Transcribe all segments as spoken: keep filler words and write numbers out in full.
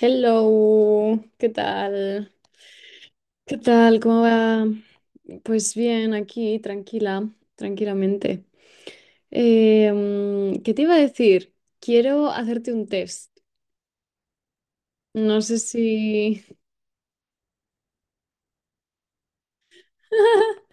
Hello, ¿qué tal? ¿Qué tal? ¿Cómo va? Pues bien, aquí, tranquila, tranquilamente. Eh, mm, ¿qué te iba a decir? Quiero hacerte un test. No sé si...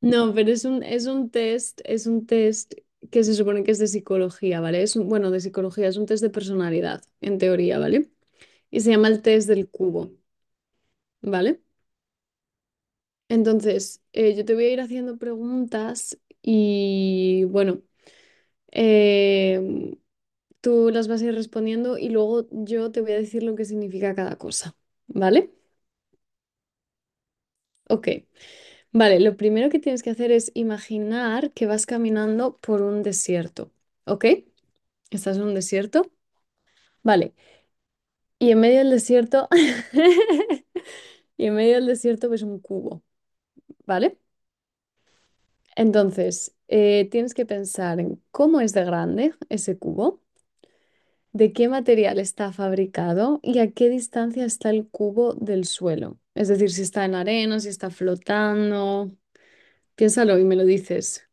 No, pero es un, es un test, es un test que se supone que es de psicología, ¿vale? Es un- bueno, de psicología, es un test de personalidad, en teoría, ¿vale? Y se llama el test del cubo, ¿vale? Entonces, eh, yo te voy a ir haciendo preguntas y bueno, em, tú las vas a ir respondiendo y luego yo te voy a decir lo que significa cada cosa, ¿vale? Ok, vale, lo primero que tienes que hacer es imaginar que vas caminando por un desierto, ¿ok? Estás en un desierto, vale, y en medio del desierto, y en medio del desierto ves un cubo, ¿vale? Entonces, eh, tienes que pensar en cómo es de grande ese cubo. ¿De qué material está fabricado y a qué distancia está el cubo del suelo? Es decir, si está en arena, si está flotando. Piénsalo y me lo dices.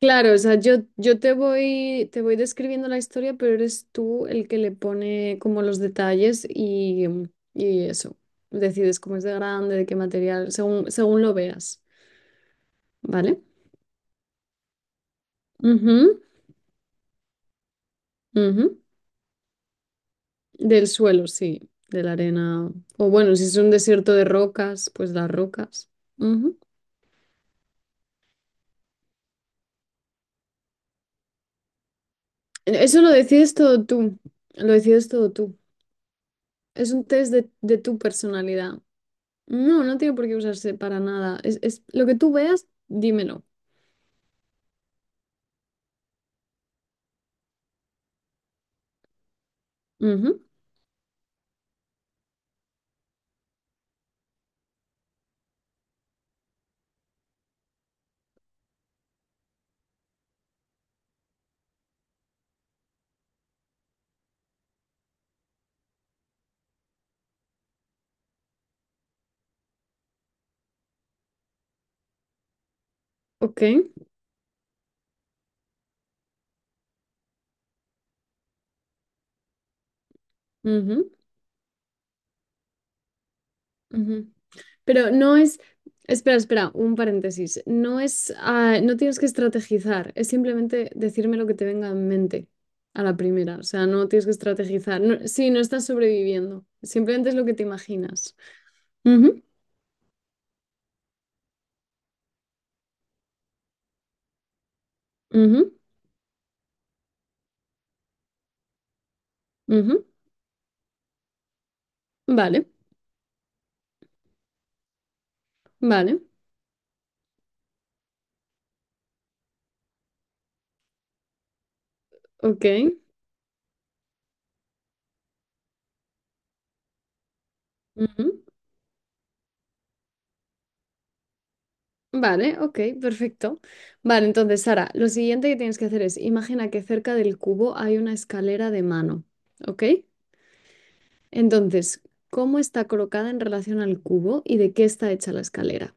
Claro, o sea, yo, yo te voy, te voy describiendo la historia, pero eres tú el que le pone como los detalles y, y eso. Decides cómo es de grande, de qué material, según, según lo veas. ¿Vale? Ujú, ujú. Del suelo, sí, de la arena. O bueno, si es un desierto de rocas, pues las rocas. Ujú. Eso lo decides todo tú. Lo decides todo tú. Es un test de, de tu personalidad. No, no tiene por qué usarse para nada. Es, es lo que tú veas, dímelo. Ujú. Ok. Ujú, ujú. Pero no es, espera, espera, un paréntesis. No es, ah, no tienes que estrategizar, es simplemente decirme lo que te venga en mente a la primera. O sea, no tienes que estrategizar. No- sí, no estás sobreviviendo, simplemente es lo que te imaginas. Ujú, ujú, ujú. Vale, vale, ok. Ujú, vale, ok, perfecto. Vale, entonces, Sara, lo siguiente que tienes que hacer es, imagina que cerca del cubo hay una escalera de mano, ¿ok? Entonces, ¿cómo está colocada en relación al cubo y de qué está hecha la escalera?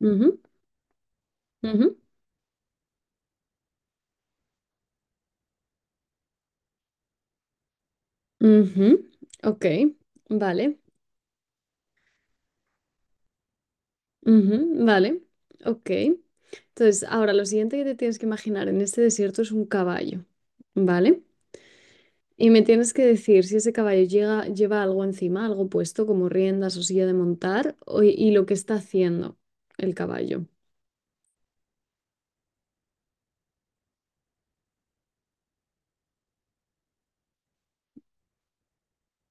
Ujú, ujú, ujú. Ok, vale. Ujú, vale. Ok. Entonces, ahora lo siguiente que te tienes que imaginar en este desierto es un caballo, ¿vale? Y me tienes que decir si ese caballo llega- lleva algo encima, algo puesto, como riendas o silla de montar, o- y lo que está haciendo el caballo.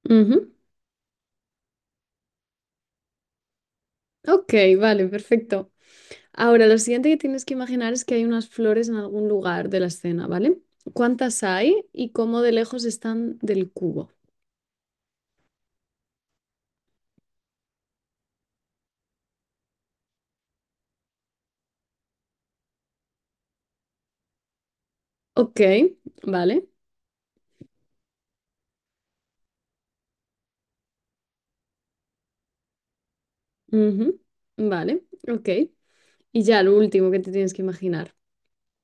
Ujú. Ok, vale, perfecto. Ahora, lo siguiente que tienes que imaginar es que hay unas flores en algún lugar de la escena, ¿vale? ¿Cuántas hay y cómo de lejos están del cubo? Ok, vale. Ujú, vale, ok. Y ya lo último que te tienes que imaginar.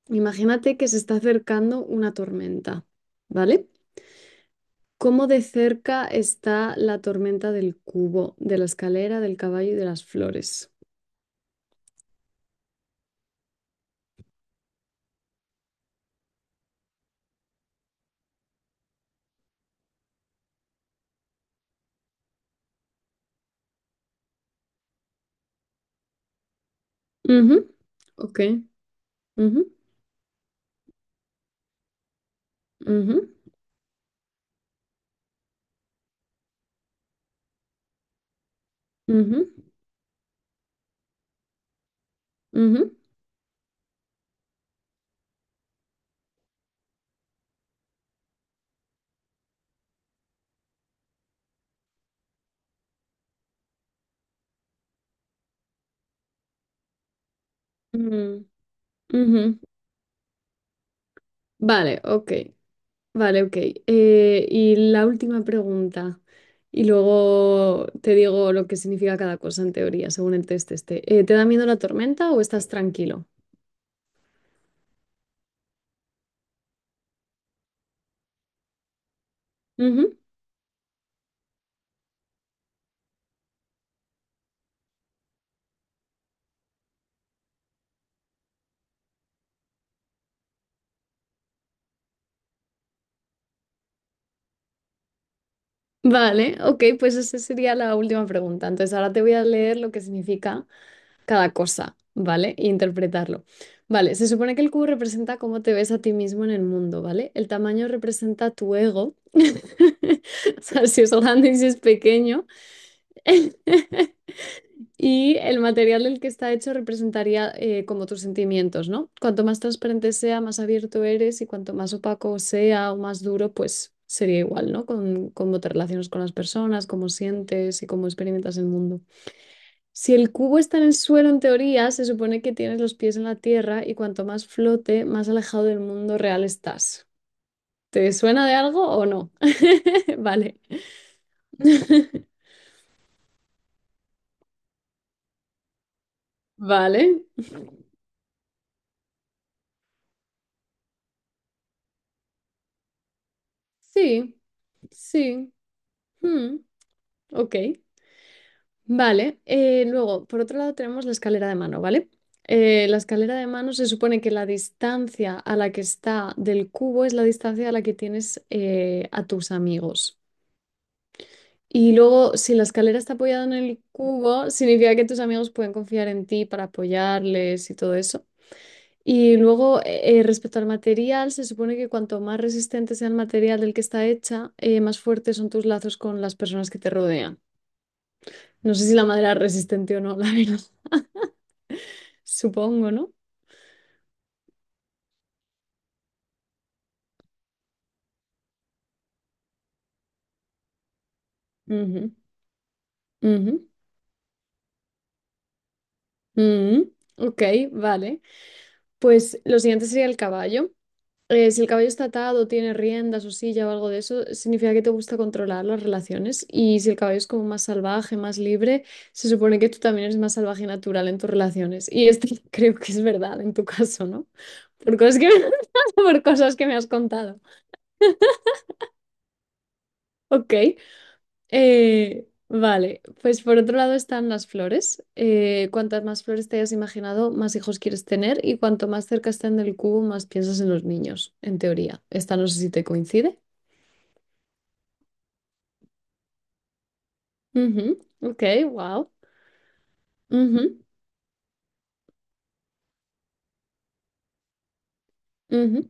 Imagínate que se está acercando una tormenta, ¿vale? ¿Cómo de cerca está la tormenta del cubo, de la escalera, del caballo y de las flores? Ujú, ok. Ujú, ujú, ujú, ujú, ujú, ujú. Vale, ok, vale, ok. Eh, y la última pregunta, y luego te digo lo que significa cada cosa en teoría, según el test este. Eh, ¿te da miedo la tormenta o estás tranquilo? Ujú. Vale, ok, pues esa sería la última pregunta. Entonces ahora te voy a leer lo que significa cada cosa, ¿vale? E interpretarlo. Vale, se supone que el cubo representa cómo te ves a ti mismo en el mundo, ¿vale? El tamaño representa tu ego, o sea, si es grande y si es pequeño. Y el material del que está hecho representaría eh, como tus sentimientos, ¿no? Cuanto más transparente sea, más abierto eres y cuanto más opaco sea o más duro, pues sería igual, ¿no? Con cómo te relacionas con las personas, cómo sientes y cómo experimentas el mundo. Si el cubo está en el suelo, en teoría, se supone que tienes los pies en la tierra y cuanto más flote, más alejado del mundo real estás. ¿Te suena de algo o no? Vale. Vale. Sí, sí. Hmm, ok. Vale, eh, luego, por otro lado, tenemos la escalera de mano, ¿vale? Eh, la escalera de mano, se supone que la distancia a la que está del cubo es la distancia a la que tienes eh, a tus amigos. Y luego, si la escalera está apoyada en el cubo, significa que tus amigos pueden confiar en ti para apoyarles y todo eso. Y luego, eh, eh, respecto al material, se supone que cuanto más resistente sea el material del que está hecha, eh, más fuertes son tus lazos con las personas que te rodean. No sé si la madera es resistente o no, la verdad. Supongo, ¿no? Ujú, ujú, ujú. Ok, vale. Pues lo siguiente sería el caballo. Eh, si el caballo está atado, tiene riendas o silla o algo de eso, significa que te gusta controlar las relaciones. Y si el caballo es como más salvaje, más libre, se supone que tú también eres más salvaje y natural en tus relaciones. Y esto creo que es verdad en tu caso, ¿no? Por cosas que me, por cosas que me has contado. Ok. Eh, vale, pues por otro lado están las flores. Eh, cuantas más flores te hayas imaginado, más hijos quieres tener, y cuanto más cerca estén del cubo, más piensas en los niños, en teoría. Esta no sé si te coincide. Ujú, ok, wow. Ujú, ujú,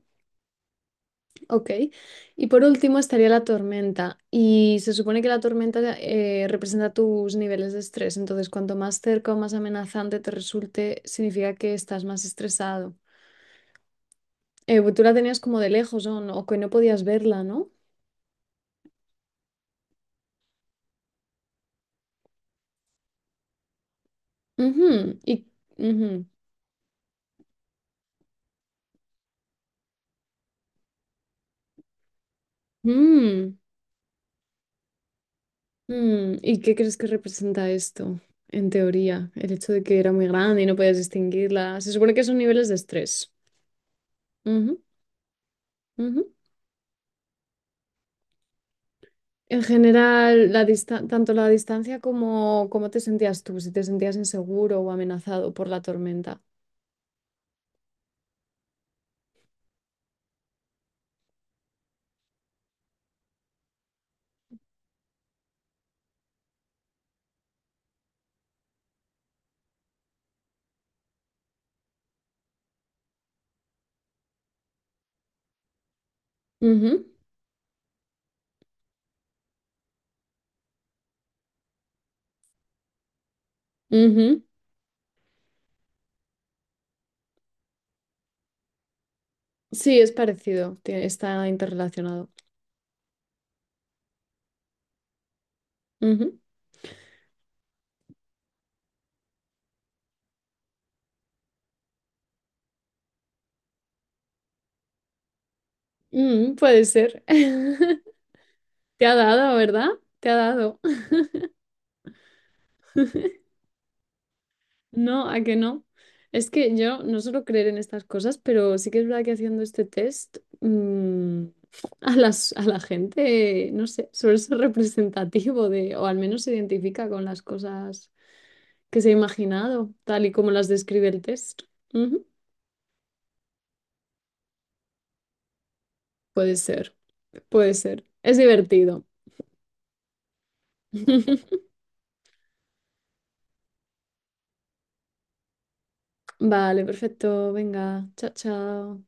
ok. Y por último estaría la tormenta. Y se supone que la tormenta eh, representa tus niveles de estrés. Entonces, cuanto más cerca o más amenazante te resulte, significa que estás más estresado. Eh, pues tú la tenías como de lejos o, no- o que no podías verla, ¿no? Ujú, y, ujú. Mm, mm. ¿Y qué crees que representa esto, en teoría? El hecho de que era muy grande y no podías distinguirla. Se supone que son niveles de estrés. Ujú, ujú. En general, la dista- tanto la distancia como cómo te sentías tú, si te sentías inseguro o amenazado por la tormenta. Ujú, ujú. Sí, es parecido, tie- está interrelacionado. Ujú. Mm, puede ser. Te ha dado, ¿verdad? Te ha dado. No, ¿a que no? Es que yo no suelo creer en estas cosas, pero sí que es verdad que haciendo este test mm, a las, a la gente, no sé, suele ser representativo de, o al menos se identifica con las cosas que se ha imaginado, tal y como las describe el test. Ujú. Puede ser, puede ser. Es divertido. Vale, perfecto. Venga, chao, chao.